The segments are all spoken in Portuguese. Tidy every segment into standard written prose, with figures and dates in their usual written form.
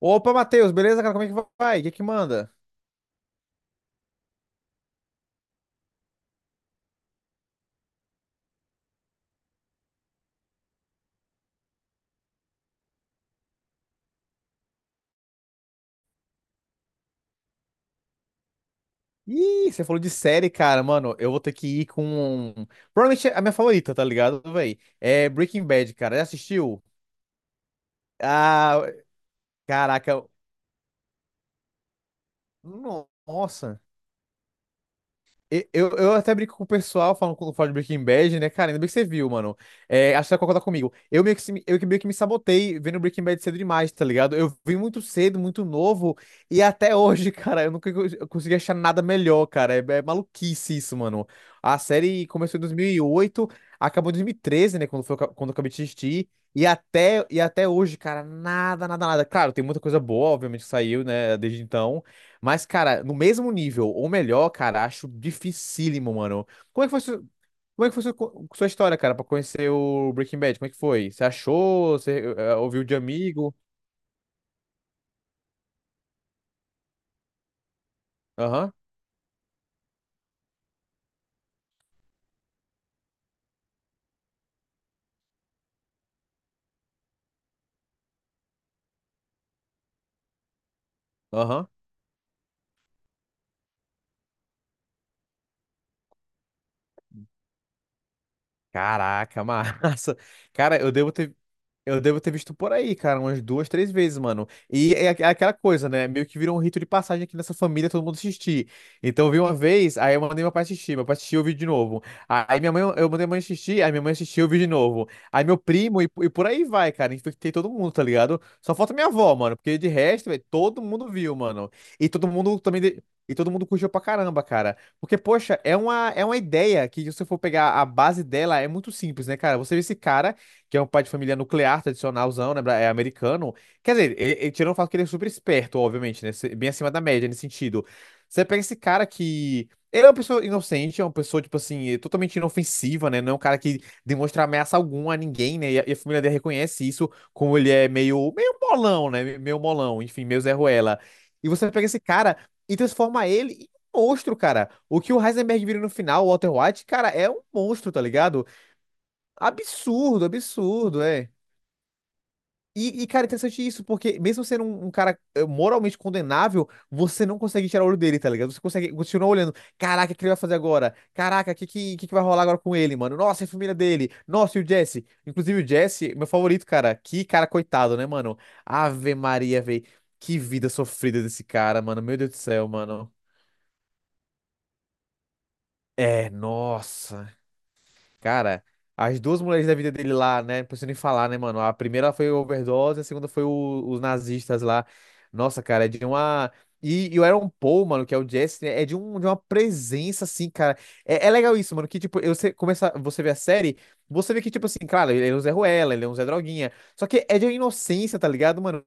Opa, Matheus, beleza, cara? Como é que vai? O que que manda? Ih, você falou de série, cara, mano. Eu vou ter que ir com, provavelmente é a minha favorita, tá ligado, véi? É Breaking Bad, cara. Já assistiu? Ah, caraca. Nossa. Eu até brinco com o pessoal falando quando falo de Breaking Bad, né? Cara, ainda bem que você viu, mano. É, acho que você vai concordar comigo. Eu meio que, eu que meio que me sabotei vendo Breaking Bad cedo demais, tá ligado? Eu vi muito cedo, muito novo, e até hoje, cara, eu nunca cons- eu consegui achar nada melhor, cara. É, é maluquice isso, mano. A série começou em 2008, acabou em 2013, né? Quando eu acabei de assistir. E até hoje, cara, nada, nada, nada. Claro, tem muita coisa boa, obviamente, que saiu, né, desde então. Mas, cara, no mesmo nível, ou melhor, cara, acho dificílimo, mano. Como é que foi, sua- como é que foi sua, sua história, cara, pra conhecer o Breaking Bad? Como é que foi? Você achou? Você ouviu de amigo? Aham, aham. Caraca, massa. Cara, eu devo ter visto por aí, cara, umas duas, três vezes, mano. E é aquela coisa, né? Meio que virou um rito de passagem aqui nessa família, todo mundo assistir. Então eu vi uma vez, aí eu mandei meu pai assistir, meu pai assistiu, eu vi de novo. Aí minha mãe, eu mandei minha mãe assistir, aí minha mãe assistiu, eu vi de novo. Aí meu primo, e por aí vai, cara. Infectei todo mundo, tá ligado? Só falta minha avó, mano, porque de resto, velho, todo mundo viu, mano. E todo mundo também. E todo mundo curtiu pra caramba, cara. Porque, poxa, é uma ideia que, se você for pegar a base dela, é muito simples, né, cara? Você vê esse cara que é um pai de família nuclear, tradicionalzão, né? É americano. Quer dizer, ele tirando o fato que ele é super esperto, obviamente, né? Bem acima da média nesse sentido. Você pega esse cara que. Ele é uma pessoa inocente, é uma pessoa, tipo assim, totalmente inofensiva, né? Não é um cara que demonstra ameaça alguma a ninguém, né? E a família dele reconhece isso, como ele é meio, meio molão, né? Meio molão, enfim, meio Zé Ruela. E você pega esse cara e transforma ele em um monstro, cara. O que o Heisenberg vira no final, o Walter White, cara, é um monstro, tá ligado? Absurdo, absurdo, é. Cara, interessante isso, porque mesmo sendo um cara moralmente condenável, você não consegue tirar o olho dele, tá ligado? Você consegue continuar olhando. Caraca, o que ele vai fazer agora? Caraca, o que que vai rolar agora com ele, mano? Nossa, e a família dele. Nossa, e o Jesse. Inclusive, o Jesse, meu favorito, cara. Que cara coitado, né, mano? Ave Maria, véi. Que vida sofrida desse cara, mano. Meu Deus do céu, mano. É, nossa. Cara, as duas mulheres da vida dele lá, né? Não preciso nem falar, né, mano? A primeira foi overdose, a segunda foi os nazistas lá. Nossa, cara, é de uma. E o Aaron Paul, mano, que é o Jesse, né, é de uma presença, assim, cara. É, é legal isso, mano, que, tipo, você começa, você vê a série, você vê que, tipo assim, claro, ele é um Zé Ruela, ele é um Zé Droguinha. Só que é de uma inocência, tá ligado, mano?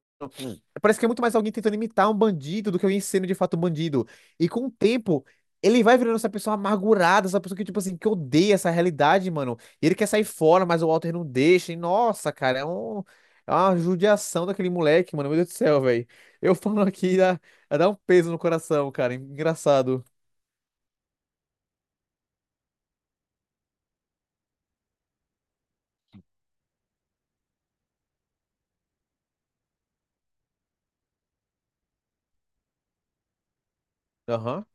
Parece que é muito mais alguém tentando imitar um bandido do que alguém sendo de fato um bandido. E com o tempo, ele vai virando essa pessoa amargurada, essa pessoa que, tipo assim, que odeia essa realidade, mano. E ele quer sair fora, mas o Walter não deixa. E nossa, cara, é um. É uma judiação daquele moleque, mano. Meu Deus do céu, velho. Eu falando aqui dá um peso no coração, cara. Engraçado. Aham.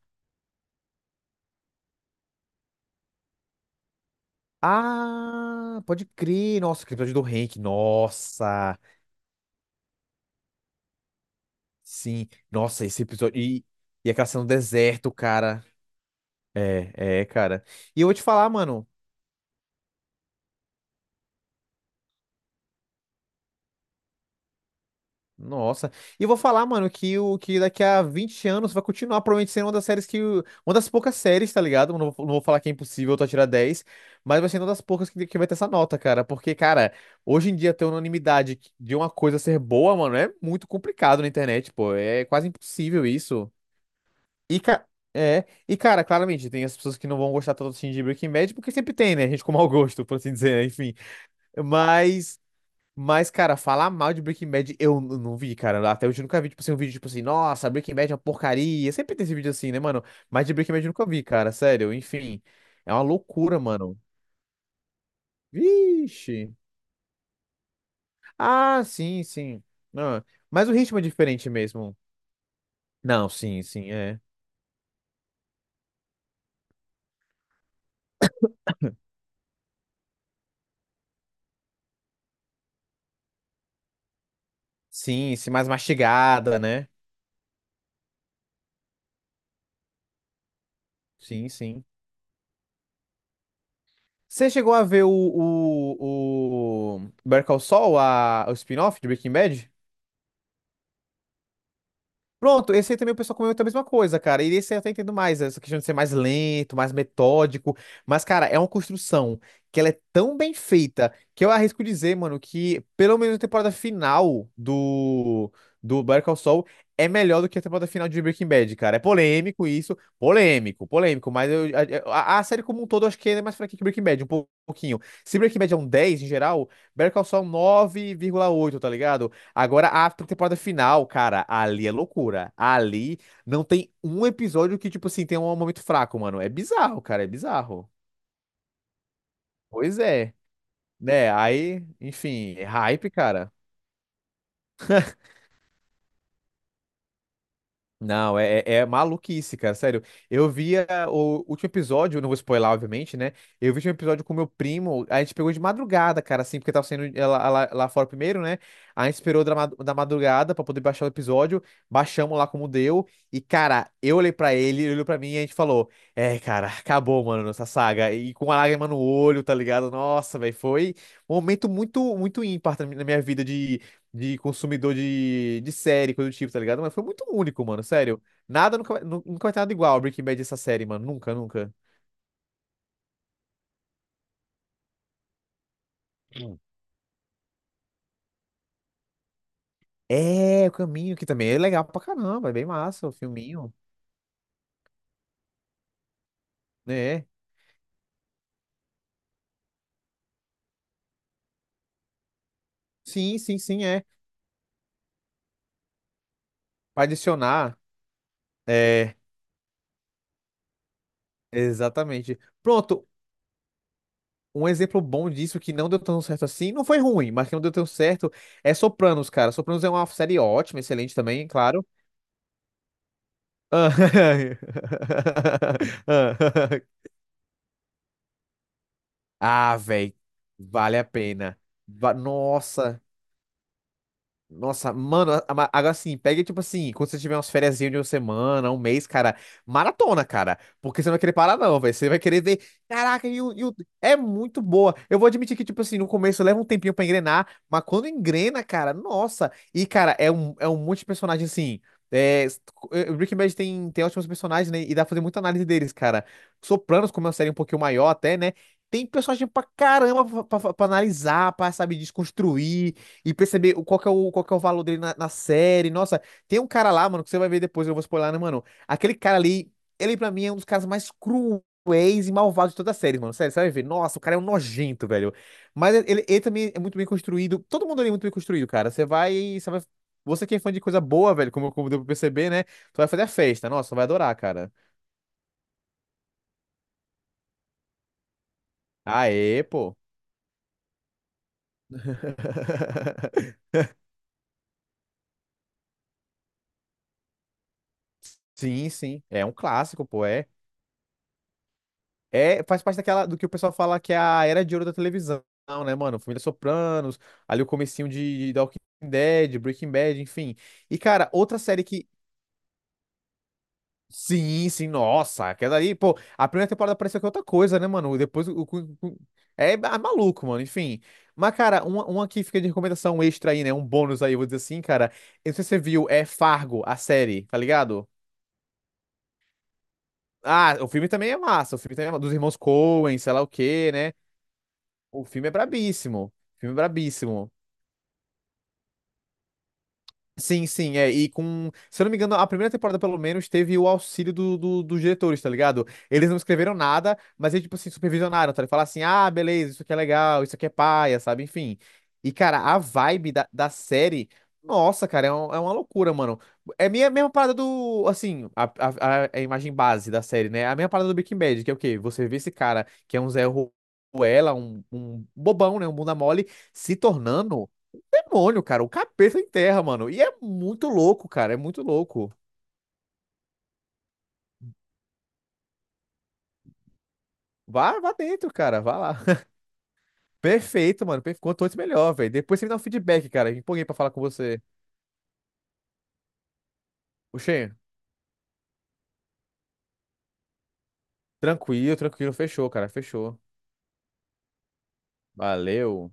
Ah, pode crer. Nossa, aquele episódio do Hank. Nossa. Sim. Nossa, esse episódio. E aquela cena no deserto, cara. É, cara. E eu vou te falar, mano. Nossa. E eu vou falar, mano, que o que daqui a 20 anos vai continuar provavelmente sendo uma das séries que. Uma das poucas séries, tá ligado? Não vou falar que é impossível tu tirar 10, mas vai ser uma das poucas que vai ter essa nota, cara. Porque, cara, hoje em dia ter unanimidade de uma coisa ser boa, mano, é muito complicado na internet, pô. É quase impossível isso. E, cara. É, e cara, claramente tem as pessoas que não vão gostar tanto assim de Breaking Bad, porque sempre tem, né? Gente com mau gosto, por assim dizer, né? Enfim. Mas Mas, cara, falar mal de Breaking Bad eu não vi, cara. Até hoje eu nunca vi, tipo assim, um vídeo tipo assim, nossa, Breaking Bad é uma porcaria. Sempre tem esse vídeo assim, né, mano? Mas de Breaking Bad eu nunca vi, cara, sério. Enfim, é uma loucura, mano. Vixe. Ah, sim, sim. Não, mas o ritmo é diferente mesmo. Não, sim, sim, é. Sim, sim, mais mastigada, né? Sim, sim. Você chegou a ver o Better Call Saul, o spin-off de Breaking Bad? Pronto, esse aí também o pessoal comenta a mesma coisa, cara. E esse aí eu até entendo mais, essa questão de ser mais lento, mais metódico. Mas, cara, é uma construção que ela é tão bem feita que eu arrisco dizer, mano, que pelo menos a temporada final do, do Better Call Saul é melhor do que a temporada final de Breaking Bad, cara. É polêmico isso, polêmico, polêmico. Mas eu, a série como um todo eu acho que é mais fraca que Breaking Bad, um pouquinho. Se Breaking Bad é um 10 em geral, Better Call Saul é um 9,8, tá ligado? Agora, a temporada final, cara, ali é loucura. Ali não tem um episódio que, tipo assim, tem um momento fraco, mano. É bizarro, cara, é bizarro. Pois é, né? Aí, enfim, é hype, cara. Não, é maluquice, cara, sério. Eu via o último episódio, não vou spoiler, obviamente, né? Eu vi o último episódio com meu primo, a gente pegou de madrugada, cara, assim, porque tava saindo é, lá, lá fora primeiro, né? A gente esperou da madrugada pra poder baixar o episódio, baixamos lá como deu, e, cara, eu olhei pra ele, ele olhou pra mim e a gente falou: É, cara, acabou, mano, essa saga. E com uma lágrima no olho, tá ligado? Nossa, velho, foi um momento muito, muito ímpar na minha vida de consumidor de série, coisa do tipo, tá ligado? Mas foi muito único, mano, sério. Nada, nunca, nunca vai ter nada igual a Breaking Bad essa série, mano. Nunca, nunca. Hum. É, o caminho, que também é legal pra caramba, é bem massa o filminho, né? Sim, sim, sim, é. Pra adicionar, é, exatamente. Pronto, um exemplo bom disso que não deu tão certo assim, não foi ruim, mas que não deu tão certo, é Sopranos, cara. Sopranos é uma série ótima, excelente também, claro. Ah, Ah, velho, vale a pena. Nossa. Nossa, mano, agora sim, pega tipo assim, quando você tiver umas férias de uma semana, um mês, cara, maratona, cara. Porque você não vai querer parar, não, velho. Você vai querer ver. Caraca, é muito boa. Eu vou admitir que, tipo assim, no começo leva um tempinho pra engrenar, mas quando engrena, cara, nossa. E, cara, é um monte de personagem assim. É, Breaking Bad tem ótimos personagens, né? E dá pra fazer muita análise deles, cara. Sopranos, como é uma série um pouquinho maior até, né? Tem personagem pra caramba pra, pra analisar, pra, sabe, desconstruir. E perceber qual que é o valor dele na, na série. Nossa, tem um cara lá, mano, que você vai ver depois, eu não vou spoiler, né, mano? Aquele cara ali, ele pra mim é um dos caras mais cruéis e malvados de toda a série, mano. Sério, você vai ver. Nossa, o cara é um nojento, velho. Mas ele também é muito bem construído. Todo mundo ali é muito bem construído, cara. Você vai, você vai. Você que é fã de coisa boa, velho, como, como deu pra perceber, né? Tu vai fazer a festa. Nossa, vai adorar, cara. Aê, pô. Sim, sim. É um clássico, pô. É. É, faz parte daquela do que o pessoal fala que é a era de ouro da televisão, né, mano? Família Sopranos, ali o comecinho de The Walking Dead, Breaking Bad, enfim. E, cara, outra série que. Sim, sim, nossa, aquela ali, pô, a primeira temporada pareceu que é outra coisa, né, mano? Depois o- é, ah, maluco, mano, enfim. Mas, cara, uma que fica de recomendação extra aí, né? Um bônus aí, eu vou dizer assim, cara. Eu não sei se você viu, é Fargo, a série, tá ligado? Ah, o filme também é massa, o filme também é massa, dos irmãos Coen, sei lá o quê, né? O filme é brabíssimo. O filme é brabíssimo. Sim, sim, é. E com. Se eu não me engano, a primeira temporada, pelo menos, teve o auxílio dos diretores, tá ligado? Eles não escreveram nada, mas eles, tipo assim, supervisionaram, tá? Eles falaram assim: ah, beleza, isso aqui é legal, isso aqui é paia, sabe? Enfim. E, cara, a vibe da série. Nossa, cara, é uma loucura, mano. É a minha mesma parada do. Assim, a imagem base da série, né? A mesma parada do Breaking Bad, que é o quê? Você vê esse cara que é um Zé Ruela, um bobão, né? Um bunda mole se tornando demônio, cara. O capeta enterra, mano. E é muito louco, cara. É muito louco. Vá, vá dentro, cara. Vá lá. Perfeito, mano. Quanto antes, melhor, velho. Depois você me dá um feedback, cara. Me empolguei pra falar com você. Oxê, tranquilo, tranquilo. Fechou, cara. Fechou. Valeu.